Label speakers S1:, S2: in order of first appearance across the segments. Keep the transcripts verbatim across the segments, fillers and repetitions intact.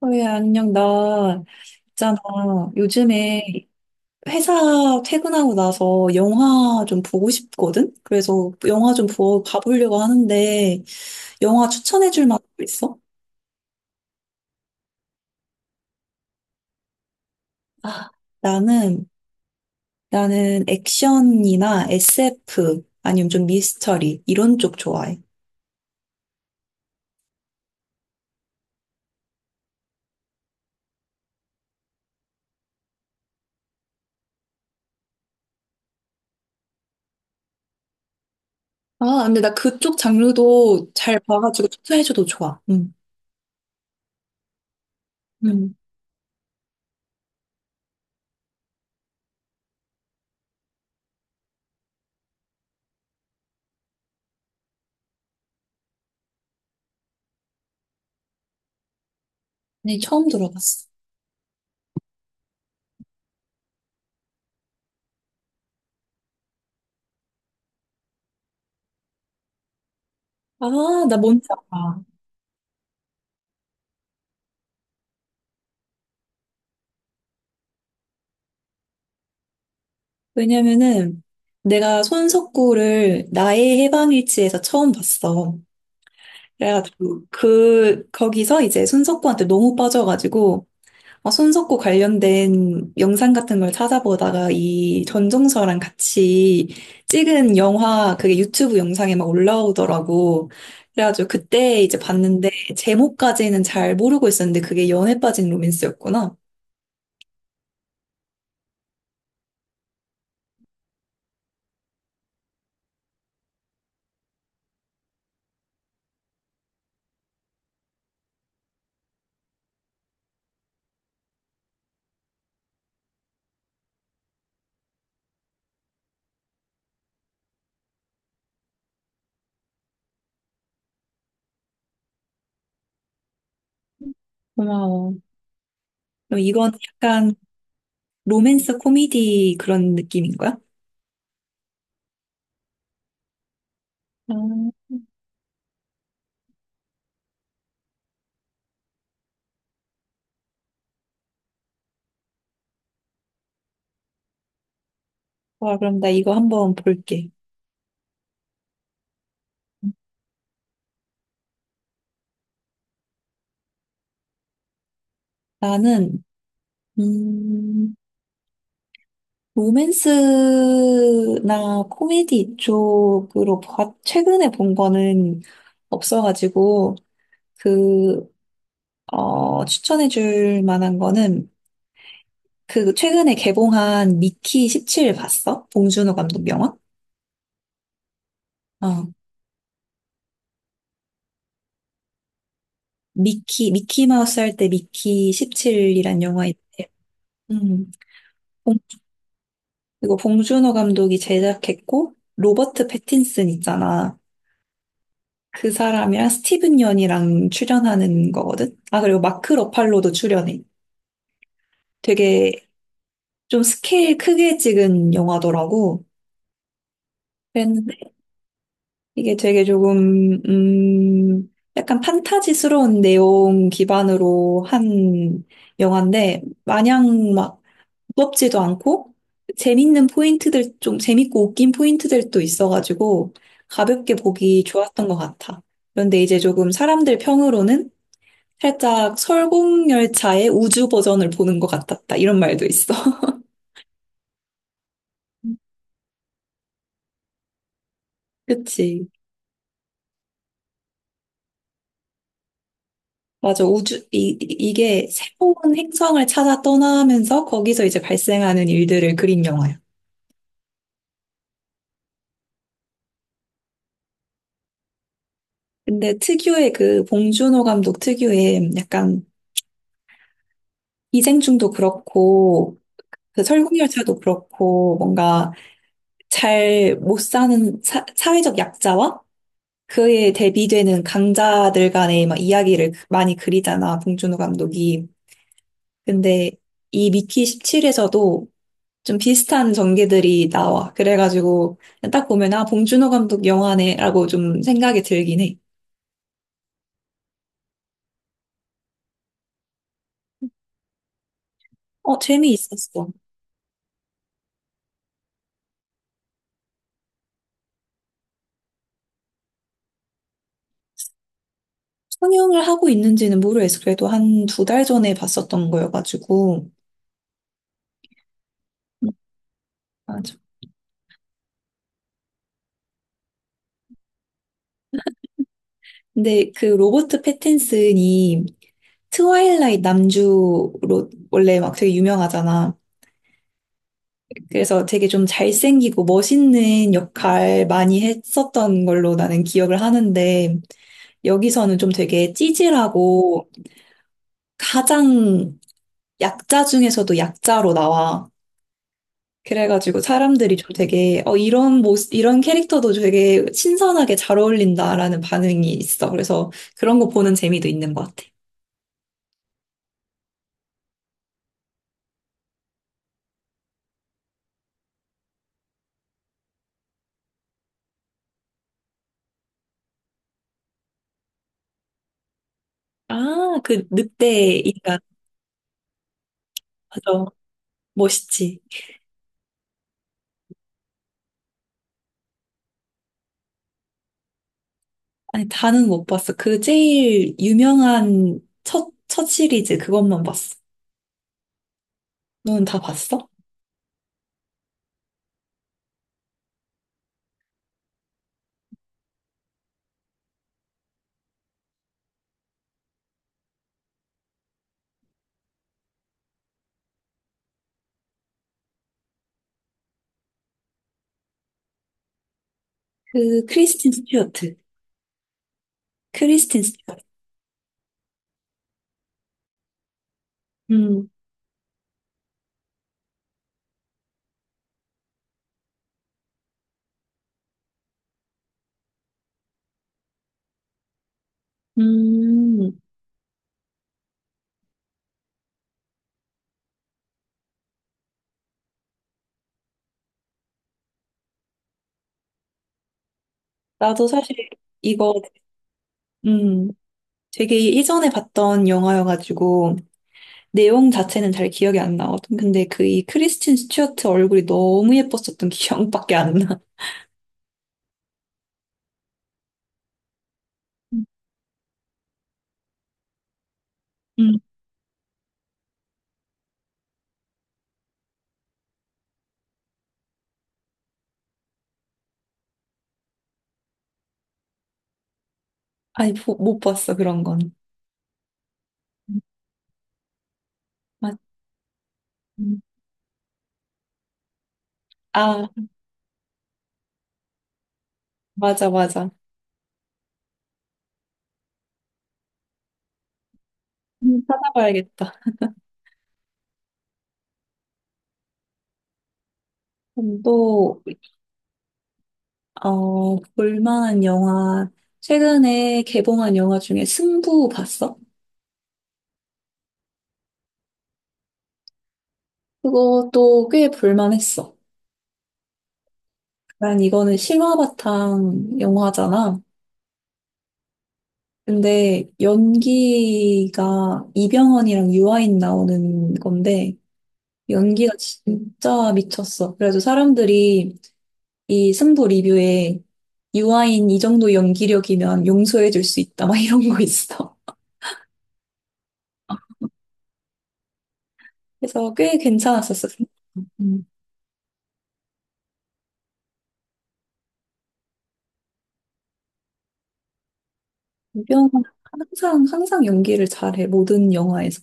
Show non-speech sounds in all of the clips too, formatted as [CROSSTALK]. S1: 왜 안녕. 나 있잖아, 요즘에 회사 퇴근하고 나서 영화 좀 보고 싶거든. 그래서 영화 좀 보, 봐보려고 하는데 영화 추천해줄 만한 거 있어? 아, 나는 나는 액션이나 에스에프 아니면 좀 미스터리 이런 쪽 좋아해. 아, 근데 나 그쪽 장르도 잘 봐가지고 추천해줘도 좋아. 응. 응. 네, 처음 들어봤어. 아, 나 뭔지 알아. 왜냐면은 내가 손석구를 나의 해방일지에서 처음 봤어. 그래가지고 그 거기서 이제 손석구한테 너무 빠져가지고 어, 손석구 관련된 영상 같은 걸 찾아보다가 이 전종서랑 같이 찍은 영화, 그게 유튜브 영상에 막 올라오더라고. 그래가지고 그때 이제 봤는데 제목까지는 잘 모르고 있었는데 그게 연애 빠진 로맨스였구나. 고마워. 그럼 이건 약간 로맨스 코미디 그런 느낌인 거야? 음. 좋아, 그럼 나 이거 한번 볼게. 나는, 음, 로맨스나 코미디 쪽으로 봐, 최근에 본 거는 없어가지고, 그, 어, 추천해줄 만한 거는, 그, 최근에 개봉한 미키 십칠 봤어? 봉준호 감독 영화? 어, 미키, 미키 마우스 할 때 미키 십칠이란 영화, 있- 음, 봉- 이거 봉준호 감독이 제작했고, 로버트 패틴슨 있잖아. 그 사람이랑 스티븐 연이랑 출연하는 거거든. 아, 그리고 마크 러팔로도 출연해. 되게 좀 스케일 크게 찍은 영화더라고. 그랬는데 이게 되게 조금 음 약간 판타지스러운 내용 기반으로 한 영화인데 마냥 막 무겁지도 않고 재밌는 포인트들 좀 재밌고 웃긴 포인트들도 있어가지고 가볍게 보기 좋았던 것 같아. 그런데 이제 조금 사람들 평으로는 살짝 설국열차의 우주 버전을 보는 것 같았다, 이런 말도 있어. [LAUGHS] 그치. 맞아. 우주, 이, 이- 이게 새로운 행성을 찾아 떠나면서 거기서 이제 발생하는 일들을 그린 영화야. 근데 특유의 그 봉준호 감독 특유의 약간 기생충도 그렇고, 그 설국열차도 그렇고, 뭔가 잘 못 사는 사, 사회적 약자와 그에 대비되는 강자들 간의 막 이야기를 많이 그리잖아, 봉준호 감독이. 근데 이 미키 십칠에서도 좀 비슷한 전개들이 나와. 그래가지고 딱 보면 아 봉준호 감독 영화네라고 좀 생각이 들긴 해. 어, 재미있었어. 상영을 하고 있는지는 모르겠어. 그래도 한 두 달 전에 봤었던 거여가지고. 음, 맞아. 근데 그 로버트 패틴슨이 트와일라이트 남주로 원래 막 되게 유명하잖아. 그래서 되게 좀 잘생기고 멋있는 역할 많이 했었던 걸로 나는 기억을 하는데 여기서는 좀 되게 찌질하고 가장 약자 중에서도 약자로 나와. 그래가지고 사람들이 좀 되게 어 이런 모습 이런 캐릭터도 되게 신선하게 잘 어울린다라는 반응이 있어. 그래서 그런 거 보는 재미도 있는 것 같아. 아, 그 늑대 인간. 맞아. 멋있지. 아니, 다는 못 봤어. 그 제일 유명한 첫 첫 시리즈 그것만 봤어. 너는 다 봤어? 그 크리스틴 스튜어트. 크리스틴 스튜어트. 음. 음. 나도 사실 이거, 음, 되게 이전에 봤던 영화여가지고, 내용 자체는 잘 기억이 안 나거든. 근데 그 이 크리스틴 스튜어트 얼굴이 너무 예뻤었던 [LAUGHS] 기억밖에 안 나. 음. 음. 아니, 보- 못 봤어, 그런 건. 음. 맞- 음. 아, 맞아, 맞아. 음. 찾아봐야겠다. 음, 또, 어, 볼만한 영화, 최근에 개봉한 영화 중에 승부 봤어? 그것도 꽤 볼만했어. 난 이거는 실화 바탕 영화잖아. 근데 연기가 이병헌이랑 유아인 나오는 건데 연기가 진짜 미쳤어. 그래서 사람들이 이 승부 리뷰에 유아인 이 정도 연기력이면 용서해 줄 수 있다 [LAUGHS] 막 이런 거 있어. 그래서 꽤 괜찮았었어. 음. 이병헌 항상 항상 연기를 잘해, 모든 영화에서.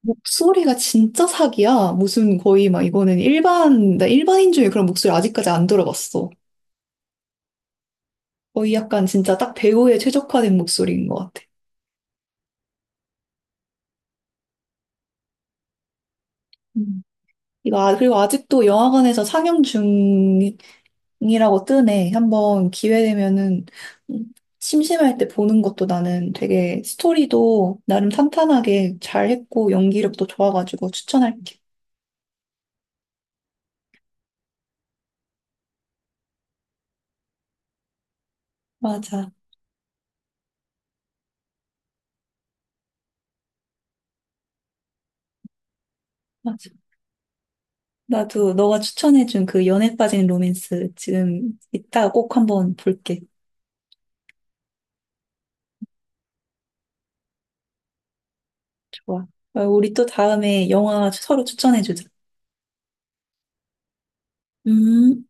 S1: 목소리가 진짜 사기야. 무슨 거의 막 이거는 일반, 나 일반인 중에 그런 목소리 아직까지 안 들어봤어. 거의 약간 진짜 딱 배우에 최적화된 목소리인 것 같아. 음. 이거, 아- 그리고 아직도 영화관에서 상영 중이라고 뜨네. 한번 기회 되면은 음, 심심할 때 보는 것도 나는 되게 스토리도 나름 탄탄하게 잘했고 연기력도 좋아가지고 추천할게. 맞아, 맞아. 나도 너가 추천해준 그 연애 빠진 로맨스 지금 이따 꼭 한번 볼게. 좋아. 어, 우리 또 다음에 영화 서로 추천해주자. 음.